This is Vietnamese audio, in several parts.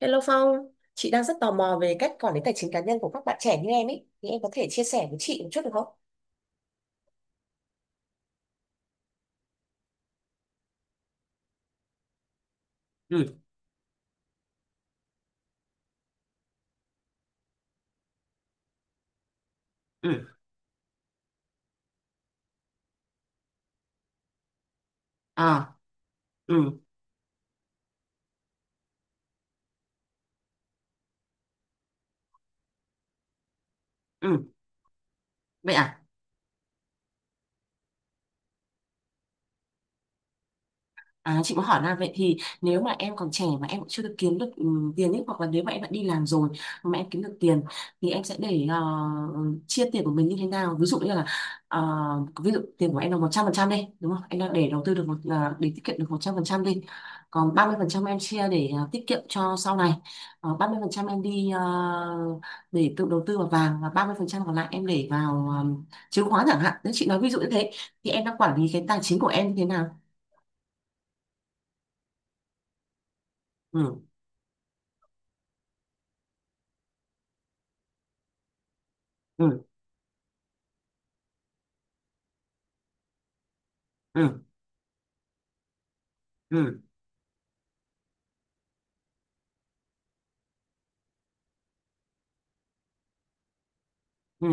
Hello Phong, chị đang rất tò mò về cách quản lý tài chính cá nhân của các bạn trẻ như em ấy, thì em có thể chia sẻ với chị một chút được không? Ừ. Ừ. À. Ừ. Ừ. Vậy à? À, chị muốn hỏi là vậy thì nếu mà em còn trẻ mà em cũng chưa được kiếm được tiền ấy, hoặc là nếu mà em đã đi làm rồi mà em kiếm được tiền, thì em sẽ để chia tiền của mình như thế nào. Ví dụ như là ờ, ví dụ tiền của em là 100% đi đúng không, em đang để đầu tư được một là để tiết kiệm được 100% đi, còn 30% em chia để tiết kiệm cho sau này. Ờ, 30% em đi để tự đầu tư vào vàng, và 30% còn lại em để vào chứng khoán chẳng hạn, nếu chị nói ví dụ như thế, thì em đang quản lý cái tài chính của em như thế nào? Ừ. Ừ. Ừ. Ừ. Ừ.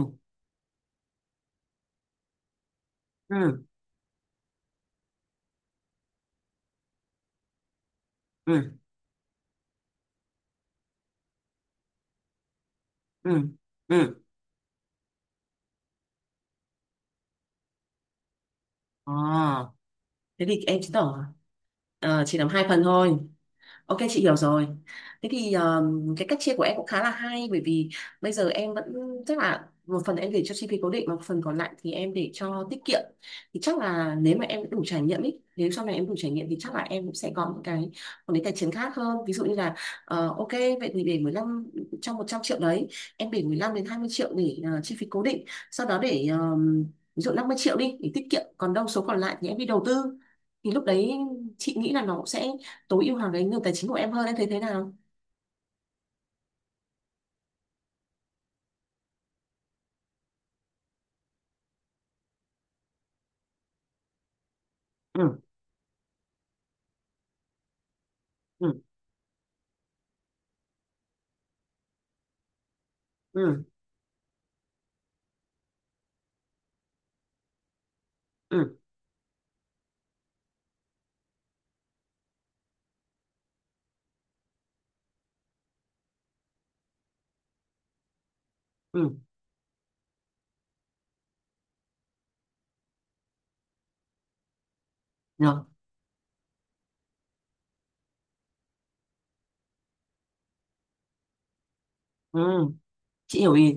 Ừ. Ừ. Ừ. Ừ. Ờ, thế thì em chứng tỏ ờ, chỉ làm hai phần thôi. Ok, chị hiểu rồi. Thế thì cái cách chia của em cũng khá là hay, bởi vì bây giờ em vẫn chắc là một phần em để cho chi phí cố định, mà một phần còn lại thì em để cho tiết kiệm. Thì chắc là nếu mà em đủ trải nghiệm ý, nếu sau này em đủ trải nghiệm thì chắc là em cũng sẽ có những cái một cái tài chính khác hơn. Ví dụ như là ờ, ok, vậy thì để 15 trong 100 triệu đấy, em để 15 đến 20 triệu để chi phí cố định. Sau đó để ví dụ 50 triệu đi để tiết kiệm, còn đâu số còn lại thì em đi đầu tư. Thì lúc đấy chị nghĩ là nó cũng sẽ tối ưu hóa cái nguồn tài chính của em hơn. Em thấy thế nào? Ừ. Ừ. Ừ. Ừ. Ừ. Rồi. Ừ. Chị hiểu ý.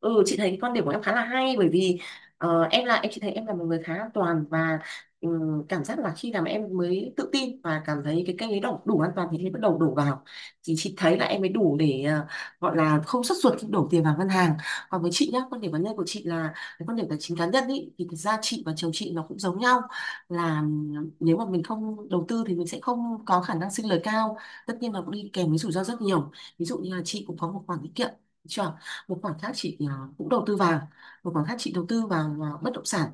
Ừ, chị thấy quan điểm của em khá là hay, bởi vì ờ, em là em, chị thấy em là một người khá an toàn, và cảm giác là khi nào mà em mới tự tin và cảm thấy cái kênh ấy đủ an toàn thì em bắt đầu đổ vào, thì chị thấy là em mới đủ để gọi là không sốt ruột khi đổ tiền vào ngân hàng. Còn với chị nhá, quan điểm cá nhân của chị là cái quan điểm tài chính cá nhân ý, thì thực ra chị và chồng chị nó cũng giống nhau, là nếu mà mình không đầu tư thì mình sẽ không có khả năng sinh lời cao, tất nhiên là cũng đi kèm với rủi ro rất nhiều. Ví dụ như là chị cũng có một khoản tiết kiệm chưa? Một khoản khác chị cũng đầu tư vàng, một khoản khác chị đầu tư vào bất động sản.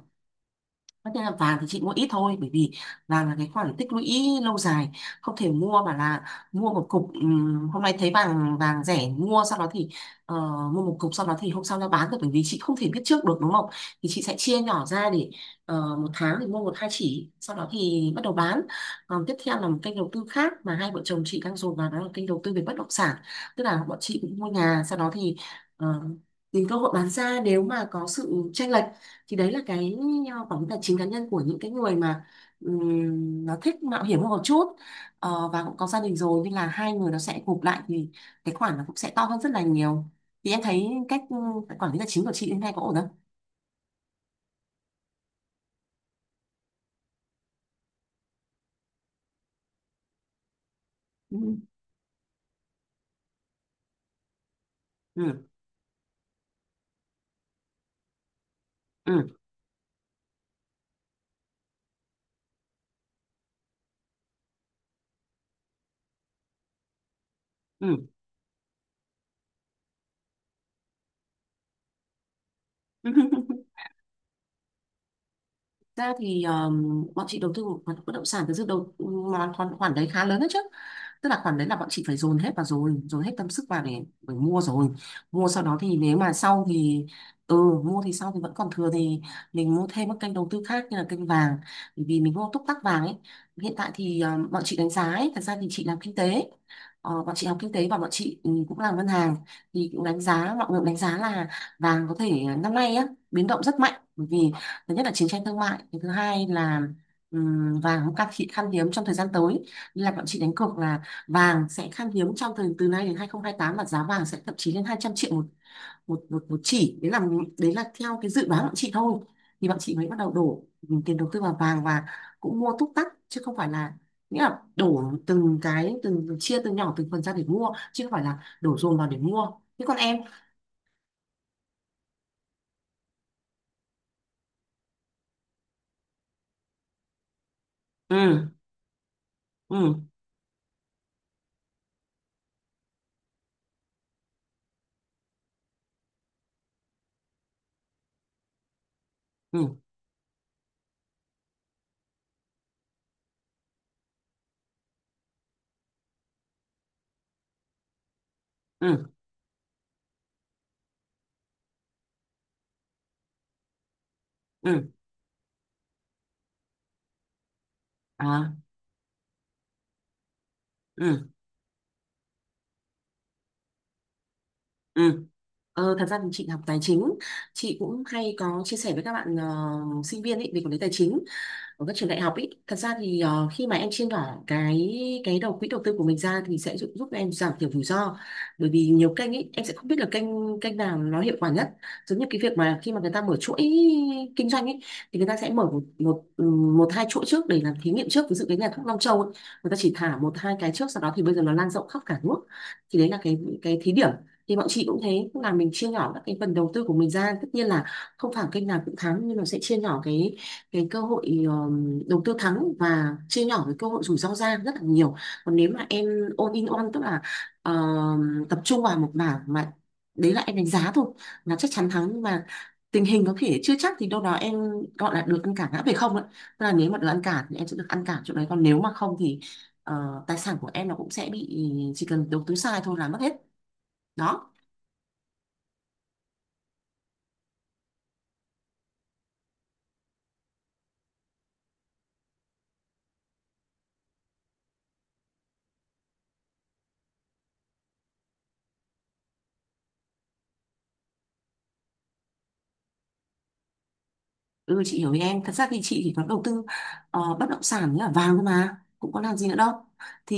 Tất nhiên là vàng thì chị mua ít thôi, bởi vì vàng là cái khoản tích lũy lâu dài, không thể mua mà là mua một cục hôm nay thấy vàng vàng rẻ mua, sau đó thì ờ, mua một cục sau đó thì hôm sau ra bán được, bởi vì chị không thể biết trước được đúng không. Thì chị sẽ chia nhỏ ra để một tháng thì mua một hai chỉ, sau đó thì bắt đầu bán. Còn tiếp theo là một kênh đầu tư khác mà hai vợ chồng chị đang dồn vào, đó là kênh đầu tư về bất động sản, tức là bọn chị cũng mua nhà sau đó thì ờ, tìm cơ hội bán ra nếu mà có sự chênh lệch. Thì đấy là cái quản lý tài chính cá nhân của những cái người mà nó thích mạo hiểm hơn một chút. Ờ, và cũng có gia đình rồi nên là hai người nó sẽ gộp lại thì cái khoản nó cũng sẽ to hơn rất là nhiều. Thì em thấy cách quản lý tài chính của chị đến nay có ổn không? Ừ. Ừ. Ừ. Ừ. Ra thì bọn chị đầu tư một khoản bất động sản thực sự đầu, mà khoản khoản đấy khá lớn đấy chứ, tức là khoản đấy là bọn chị phải dồn hết vào rồi, dồn hết tâm sức vào để mua rồi. Mua sau đó thì nếu mà sau thì ừ, mua thì sau thì vẫn còn thừa thì mình mua thêm các kênh đầu tư khác như là kênh vàng, bởi vì mình mua túc tắc vàng ấy. Hiện tại thì bọn chị đánh giá ấy, thật ra thì chị làm kinh tế. Ờ, bọn chị học kinh tế và bọn chị cũng làm ngân hàng, thì cũng đánh giá, mọi người cũng đánh giá là vàng có thể ờ, năm nay á biến động rất mạnh, bởi vì thứ nhất là chiến tranh thương mại, cái thứ hai là vàng cũng khan hiếm trong thời gian tới. Nên là bọn chị đánh cược là vàng sẽ khan hiếm trong thời từ nay đến 2028, và giá vàng sẽ thậm chí lên 200 triệu một một chỉ. Đấy là đấy là theo cái dự đoán của bọn chị thôi. Thì bọn chị mới bắt đầu đổ tiền đầu tư vào vàng, và cũng mua túc tắc chứ không phải là, nghĩa là đổ từng cái từng chia từ nhỏ từng phần ra để mua chứ không phải là đổ dồn vào để mua. Thế còn em? Ừ. Ừ. Ừ. Ừ. Ừ. À. Ừ. Ừ. Ờ, thật ra thì chị học tài chính, chị cũng hay có chia sẻ với các bạn ờ, sinh viên ấy về quản lý tài chính ở các trường đại học ý. Thật ra thì ờ, khi mà em chia nhỏ cái đầu quỹ đầu tư của mình ra thì sẽ giúp em giảm thiểu rủi ro, bởi vì nhiều kênh ý em sẽ không biết là kênh kênh nào nó hiệu quả nhất. Giống như cái việc mà khi mà người ta mở chuỗi kinh doanh ý, thì người ta sẽ mở một một ừ, một hai chuỗi trước để làm thí nghiệm trước. Ví dụ cái nhà thuốc Long Châu ấy, người ta chỉ thả một hai cái trước, sau đó thì bây giờ nó lan rộng khắp cả nước. Thì đấy là cái thí điểm. Thì bọn chị cũng thế, cũng là mình chia nhỏ các cái phần đầu tư của mình ra, tất nhiên là không phải kênh nào cũng thắng, nhưng nó sẽ chia nhỏ cái cơ hội đầu tư thắng và chia nhỏ cái cơ hội rủi ro ra rất là nhiều. Còn nếu mà em all in one, tức là tập trung vào một mảng mà đấy là em đánh giá thôi, là chắc chắn thắng, nhưng mà tình hình có thể chưa chắc, thì đâu đó em gọi là được ăn cả ngã về không ạ. Tức là nếu mà được ăn cả thì em sẽ được ăn cả chỗ đấy, còn nếu mà không thì ờ, tài sản của em nó cũng sẽ bị, chỉ cần đầu tư sai thôi là mất hết. Đó. Ừ, chị hiểu ý em. Thật ra thì chị chỉ có đầu tư ờ, bất động sản với cả vàng thôi mà, cũng có làm gì nữa đâu. Thì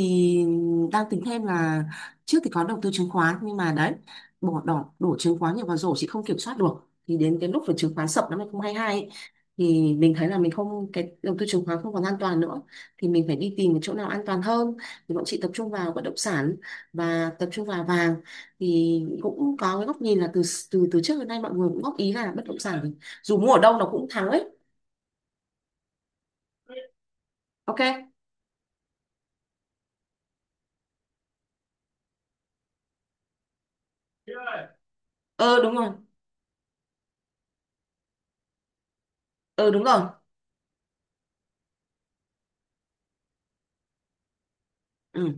đang tính thêm là, trước thì có đầu tư chứng khoán, nhưng mà đấy, bỏ đỏ đổ chứng khoán nhiều vào rổ chị không kiểm soát được. Thì đến cái lúc về chứng khoán sập năm 2022 ấy, thì mình thấy là mình không, cái đầu tư chứng khoán không còn an toàn nữa, thì mình phải đi tìm cái chỗ nào an toàn hơn. Thì bọn chị tập trung vào bất động sản và tập trung vào vàng. Thì cũng có cái góc nhìn là từ từ từ trước đến nay mọi người cũng góp ý là bất động sản dù mua ở đâu nó cũng thắng ấy. Ok. Ờ, đúng rồi. Ờ, đúng rồi. Ừ.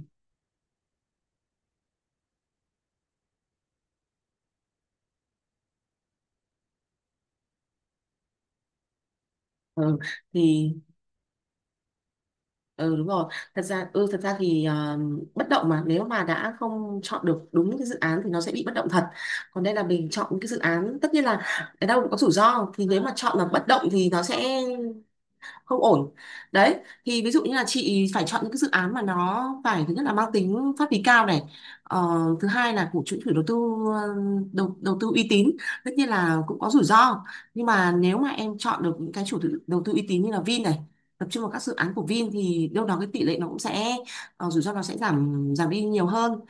Ừ thì ừ đúng rồi, thật ra ừ thật ra thì bất động mà nếu mà đã không chọn được đúng cái dự án thì nó sẽ bị bất động thật. Còn đây là mình chọn cái dự án, tất nhiên là ở đâu cũng có rủi ro, thì nếu mà chọn là bất động thì nó sẽ không ổn. Đấy. Thì ví dụ như là chị phải chọn những cái dự án mà nó phải thứ nhất là mang tính pháp lý cao này. Ờ, thứ hai là của chủ chủ đầu tư ờ, đầu tư uy tín. Tất nhiên là cũng có rủi ro, nhưng mà nếu mà em chọn được những cái đầu tư uy tín như là Vin này, tập trung vào các dự án của Vin thì đâu đó cái tỷ lệ nó cũng sẽ ờ, rủi ro nó sẽ giảm giảm đi nhiều hơn.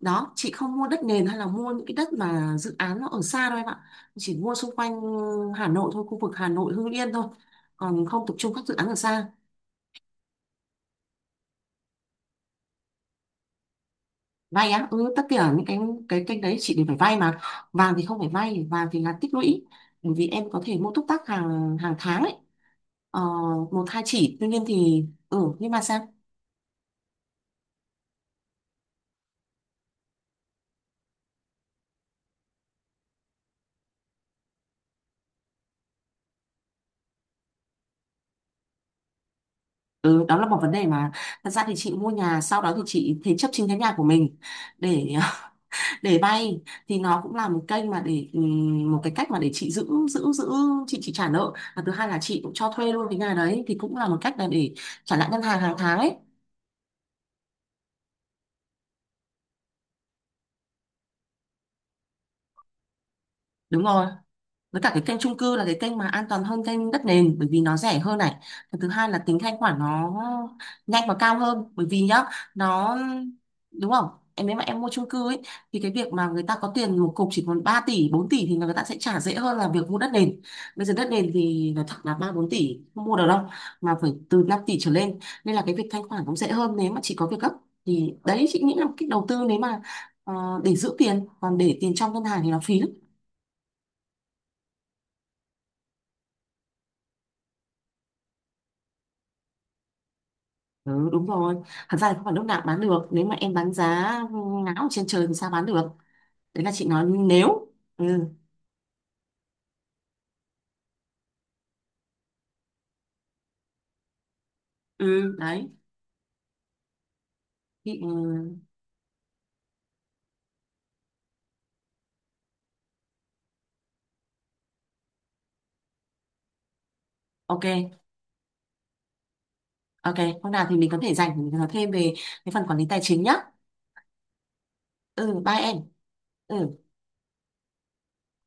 Đó. Chị không mua đất nền hay là mua những cái đất mà dự án nó ở xa đâu em ạ. Chỉ mua xung quanh Hà Nội thôi, khu vực Hà Nội Hưng Yên thôi, còn không tập trung các dự án ở xa. Vay á? Ừ, tất cả những cái kênh đấy chị đều phải vay mà. Vàng thì không phải vay, vàng thì là tích lũy, bởi vì em có thể mua túc tắc hàng hàng tháng ấy, ờ, một hai chỉ. Tuy nhiên thì ừ, nhưng mà sao? Ừ, đó là một vấn đề mà thật ra thì chị mua nhà sau đó thì chị thế chấp chính cái nhà của mình để để vay. Thì nó cũng là một kênh mà để một cái cách mà để chị giữ giữ giữ chị trả nợ, và thứ hai là chị cũng cho thuê luôn cái nhà đấy, thì cũng là một cách là để trả lại ngân hàng hàng tháng ấy. Đúng rồi. Với cả cái kênh chung cư là cái kênh mà an toàn hơn kênh đất nền, bởi vì nó rẻ hơn này. Và thứ hai là tính thanh khoản nó nhanh và cao hơn, bởi vì nhá, nó, đúng không, em nếu mà em mua chung cư ấy, thì cái việc mà người ta có tiền một cục chỉ còn 3 tỷ 4 tỷ thì người ta sẽ trả dễ hơn là việc mua đất nền. Bây giờ đất nền thì nói thật là 3 4 tỷ không mua được đâu, mà phải từ 5 tỷ trở lên. Nên là cái việc thanh khoản cũng dễ hơn nếu mà chỉ có việc gấp. Thì đấy chị nghĩ là một cách đầu tư nếu mà ờ, để giữ tiền, còn để tiền trong ngân hàng thì nó phí lắm. Ừ, đúng rồi. Thật ra thì không phải lúc nào cũng bán được. Nếu mà em bán giá ngáo ở trên trời thì sao bán được. Đấy là chị nói nếu. Ừ. Ừ đấy. Thì, ừ, ok, ok. Hôm nào thì mình có thể dành để mình nói thêm về cái phần quản lý tài chính nhá. Ừ, bye em. Ừ.